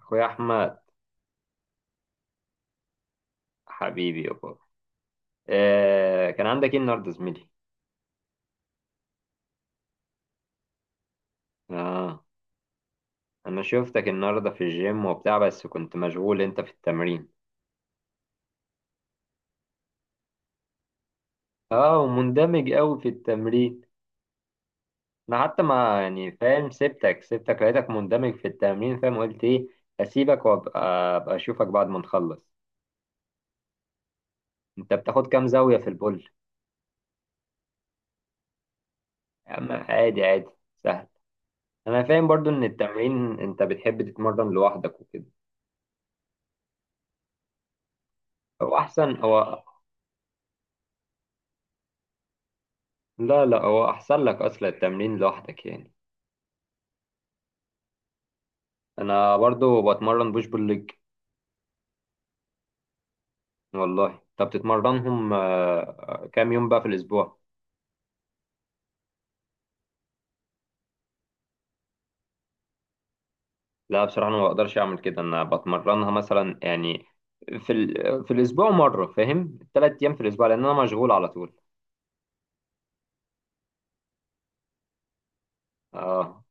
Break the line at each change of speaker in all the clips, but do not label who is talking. اخويا احمد. حبيبي يابا. كان عندك ايه النهارده زميلي؟ اه. انا شفتك النهارده في الجيم وبتاع، بس كنت مشغول انت في التمرين. اه. ومندمج قوي في التمرين. انا حتى ما يعني فاهم، سبتك لقيتك مندمج في التمرين فاهم قلت ايه. اسيبك وابقى. ابقى اشوفك بعد ما نخلص. انت بتاخد كام زاوية في البول؟ يا عم عادي عادي، سهل. انا فاهم برضو ان التمرين انت بتحب تتمرن لوحدك وكده. هو احسن هو. لا، لا، هو احسن لك اصلا التمرين لوحدك يعني. انا برضو بتمرن بوش بول ليج. والله طب بتتمرنهم كام يوم بقى في الاسبوع؟ لا بصراحه انا ما بقدرش اعمل كده، انا بتمرنها مثلا يعني في الاسبوع مره فاهم، 3 ايام في الاسبوع لان انا مشغول على طول. اه.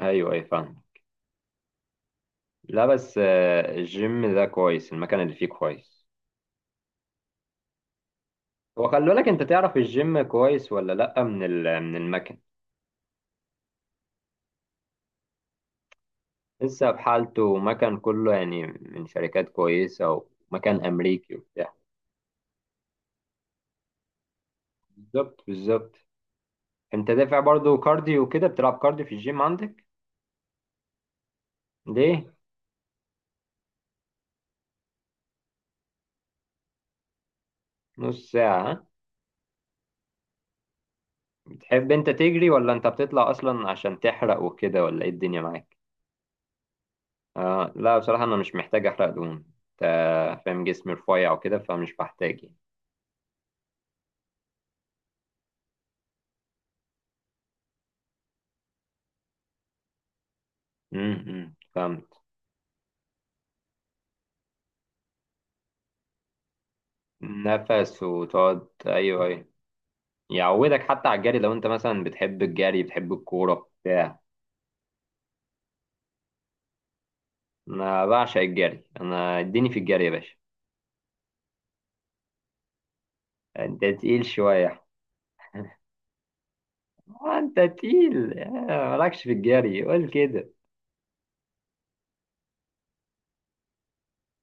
ايوه اي فاهم. لا بس، الجيم ده كويس المكان اللي فيه كويس. هو خلي بالك، انت تعرف الجيم كويس ولا لا من المكان؟ لسه بحالته ومكان كله يعني من شركات كويسة. ومكان أمريكي وبتاع. بالظبط، بالظبط. أنت دافع برضه كارديو وكده، بتلعب كارديو في الجيم عندك؟ ليه؟ نص ساعة، ها؟ بتحب أنت تجري ولا أنت بتطلع أصلا عشان تحرق وكده، ولا إيه الدنيا معاك؟ لا، بصراحة أنا مش محتاج أحرق دهون. أنت. فاهم، جسمي رفيع وكده فمش بحتاج يعني. فهمت. نفس وتقعد، أيوه، أيوه. يعودك حتى على الجري لو أنت مثلا بتحب الجري، بتحب الكورة بتاع. انا بعشق الجري، انا اديني في الجري يا باشا. انت تقيل شويه يا أحمد. انت تقيل. مالكش في الجري قول كده.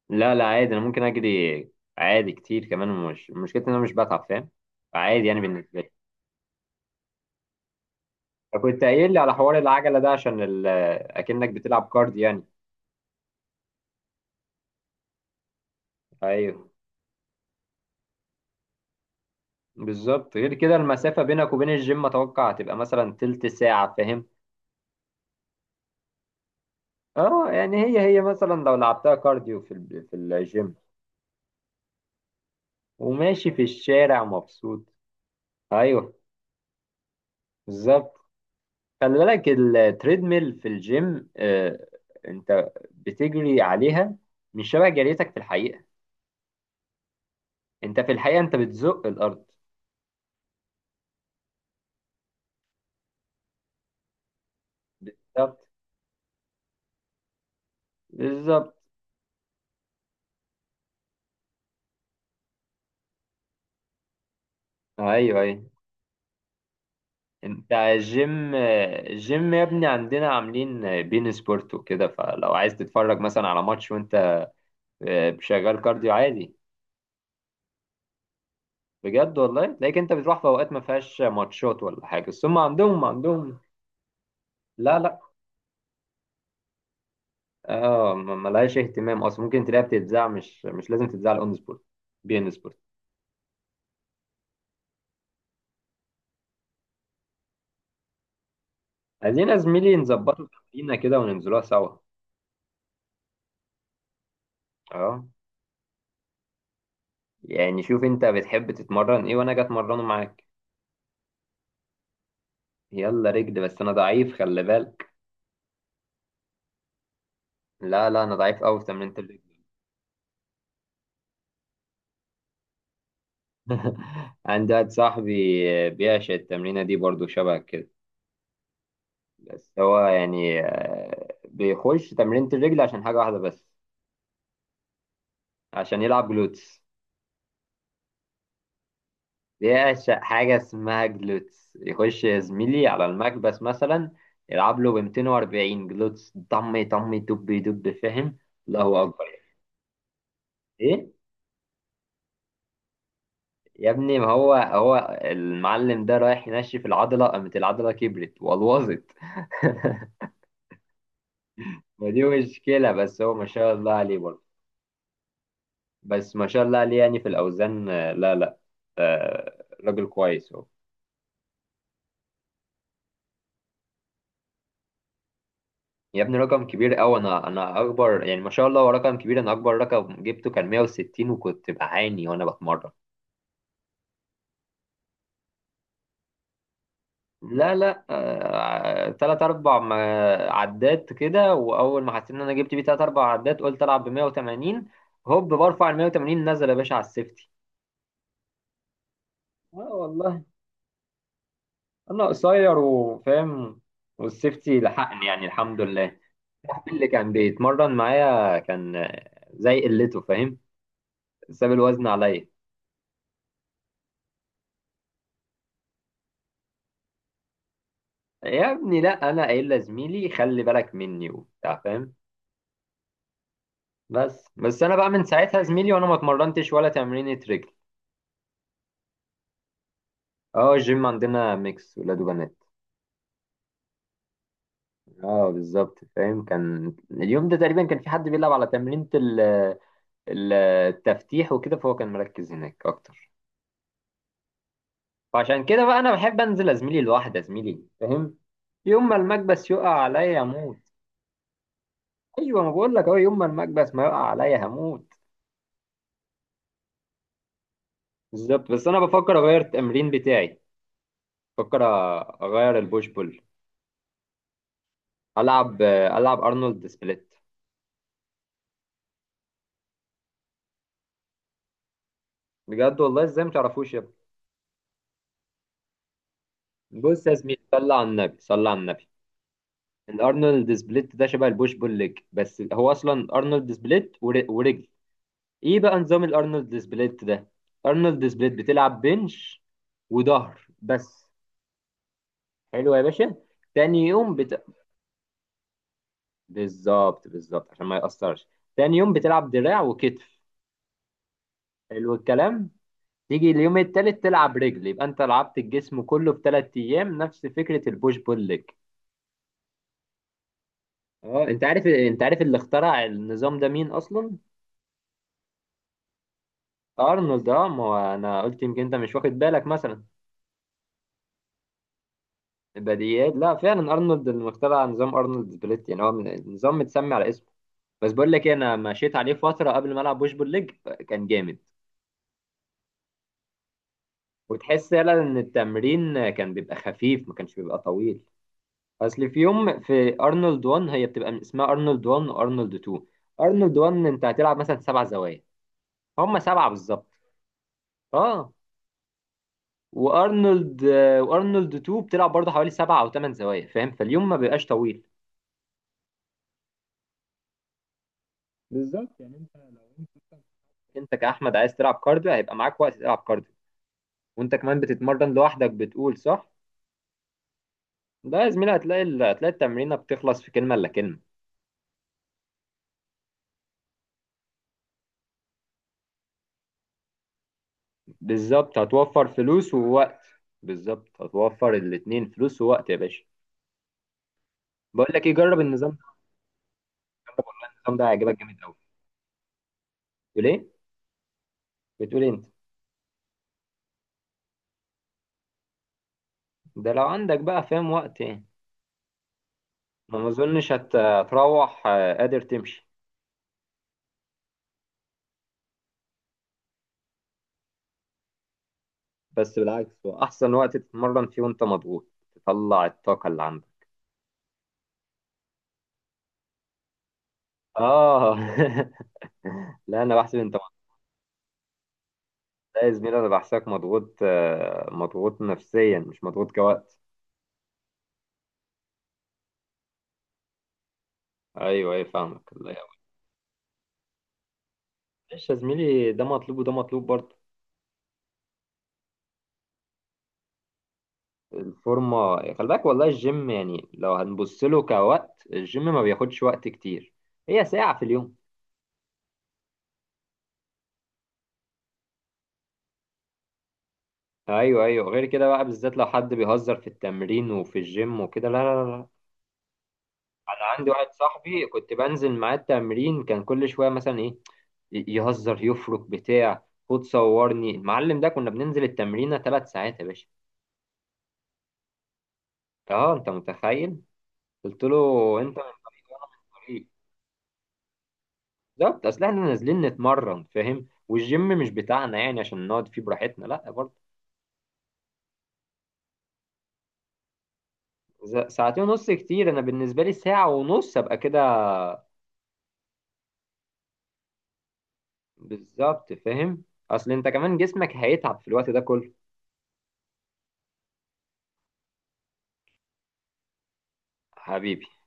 لا، لا، عادي انا ممكن اجري. عادي كتير كمان، مش مشكلتي ان انا مش بتعب فاهم. عادي يعني بالنسبه لي. كنت قايل لي على حوار العجله ده عشان اكنك بتلعب كارد يعني. ايوه. بالظبط. غير كده المسافه بينك وبين الجيم اتوقع هتبقى مثلا تلت ساعه فاهم. اه، يعني هي مثلا لو لعبتها كارديو في الجيم. وماشي في الشارع مبسوط. ايوه. بالظبط. خلي بالك التريدميل في الجيم، انت بتجري عليها مش شبه جريتك في الحقيقة. انت في الحقيقة انت بتزق الارض. بالظبط، بالظبط. ايوه، ايوه. انت الجيم يا ابني عندنا عاملين بين سبورت وكده، فلو عايز تتفرج مثلا على ماتش وانت شغال كارديو عادي. بجد والله تلاقيك انت بتروح في اوقات ما فيهاش ماتشات ولا حاجة، بس هم عندهم. لا، لا. اه، ملهاش اهتمام اصلا، ممكن تلاقيها بتتذاع مش لازم تتذاع على اون سبورت. بي ان سبورت. عايزين يا زميلي نظبطوا تمرينه كده وننزلوها سوا. اه، يعني شوف انت بتحب تتمرن ايه وانا اجي اتمرنه معاك. يلا رجل، بس انا ضعيف خلي بالك. لا، لا، انا ضعيف قوي في تمرينة الرجل. عندي واحد صاحبي بيعشق التمرينة دي برضو شبه كده. بس هو يعني بيخش تمرينة الرجل عشان حاجة واحدة بس. عشان يلعب جلوتس. بيعشق حاجة اسمها جلوتس، يخش يا زميلي على المكبس مثلا يلعب له ب 240 جلوتس، طم طم دب دب فاهم. الله أكبر. إيه؟ يا ابني ما هو المعلم ده رايح ينشف العضلة، قامت العضلة كبرت والوظت. ما دي مشكلة، بس هو ما شاء الله عليه برضه. بس ما شاء الله عليه يعني في الأوزان، لا، لا. راجل كويس هو. يا ابني رقم كبير قوي، انا اكبر يعني ما شاء الله، هو رقم كبير، انا اكبر رقم جبته كان 160 وكنت بعاني وانا بتمرن. لا، لا، تلات اربع عدات كده، واول ما حسيت ان انا جبت بيه تلات اربع عدات، قلت العب ب 180. هوب برفع ال 180 نزل يا باشا على السيفتي. اه والله. انا قصير وفاهم. والسيفتي لحقني يعني الحمد لله. صاحبي اللي كان بيتمرن معايا كان زي قلته فاهم، ساب الوزن عليا. يا ابني لا، انا قايل لزميلي خلي بالك مني وبتاع فاهم. بس انا بقى من ساعتها زميلي وانا ما اتمرنتش ولا تمرينة رجل. اه، الجيم عندنا ميكس ولاد وبنات. اه، بالظبط فاهم، كان اليوم ده تقريبا كان في حد بيلعب على تمرينة التفتيح وكده، فهو كان مركز هناك اكتر. فعشان كده بقى، انا بحب انزل ازميلي لوحدي، ازميلي فاهم. يوم ما المكبس يقع عليا هموت. ايوه، ما بقول لك اهو، يوم ما المكبس ما يقع عليا هموت. بالظبط. بس انا بفكر اغير التمرين بتاعي. بفكر. اغير البوش بول. العب ارنولد سبليت. بجد والله، ازاي ما تعرفوش يا ابني؟ بص يا زميلي، صلى على النبي، صلى على النبي. الارنولد سبليت ده شبه البوش بول ليج، بس هو اصلا ارنولد سبليت ورجل. ايه بقى نظام الارنولد سبليت ده؟ ارنولد سبليت بتلعب بنش وظهر بس. حلو يا باشا. تاني يوم. بالظبط، بالظبط، عشان ما يأثرش. تاني يوم بتلعب دراع وكتف. حلو الكلام. تيجي اليوم التالت تلعب رجل، يبقى انت لعبت الجسم كله في 3 ايام، نفس فكره البوش بول ليج. اه، انت عارف اللي اخترع النظام ده مين اصلا؟ ارنولد. اه، ما هو انا قلت يمكن انت مش واخد بالك مثلا. البديهيات، لا فعلا، ارنولد اللي اخترع نظام ارنولد سبليت يعني هو النظام متسمي على اسمه. بس، بقول لك ايه، انا مشيت عليه فتره قبل ما العب بوش بول ليج. كان جامد. وتحس فعلا ان التمرين كان بيبقى خفيف، ما كانش بيبقى طويل. اصل في يوم في ارنولد 1، هي بتبقى من اسمها ارنولد 1 وارنولد 2. ارنولد 1 انت هتلعب مثلا سبع زوايا. هم سبعه بالظبط. اه، وارنولد 2 بتلعب برضه حوالي سبعه او ثمان زوايا فاهم، فاليوم ما بيبقاش طويل. بالظبط، يعني انت لو انت. انت كاحمد عايز تلعب كارديو، هيبقى معاك وقت تلعب كارديو. وانت كمان بتتمرن لوحدك بتقول صح. لا يا زميلي، هتلاقي التمرينه بتخلص في كلمه الا كلمه. بالظبط، هتوفر فلوس ووقت. بالظبط، هتوفر الاتنين فلوس ووقت يا باشا. بقول لك ايه، جرب النظام ده. جرب والله، النظام ده هيعجبك جامد قوي. بتقول ايه؟ بتقول إيه انت؟ ده لو عندك بقى فاهم وقت يعني. ما اظنش هتروح قادر تمشي. بس بالعكس، هو احسن وقت تتمرن فيه وانت مضغوط. تطلع الطاقه اللي عندك. اه. لا، انا بحسب انت. لا يا زميلي، انا بحسك مضغوط، مضغوط نفسيا مش مضغوط كوقت. ايوه، ايوه، فاهمك، لا، معلش يا زميلي، ده مطلوب وده مطلوب برضه. الفورمة خلي بالك، والله الجيم يعني لو هنبص له كوقت، الجيم ما بياخدش وقت كتير. هي ساعة في اليوم. ايوه، ايوه، غير كده بقى، بالذات لو حد بيهزر في التمرين وفي الجيم وكده، لا لا لا لا. انا عندي واحد صاحبي كنت بنزل معاه التمرين كان كل شويه مثلا ايه يهزر يفرك بتاع. خد صورني المعلم ده، كنا بننزل التمرينه 3 ساعات يا باشا. اه، انت متخيل؟ قلت له انت من طريق وانا من طريق. بالظبط، اصل احنا نازلين نتمرن فاهم، والجيم مش بتاعنا يعني عشان نقعد فيه براحتنا، لا برضه. ساعتين ونص كتير، انا بالنسبه لي ساعه ونص ابقى كده. بالظبط فاهم. اصل انت كمان جسمك هيتعب في الوقت ده كله. حبيبي.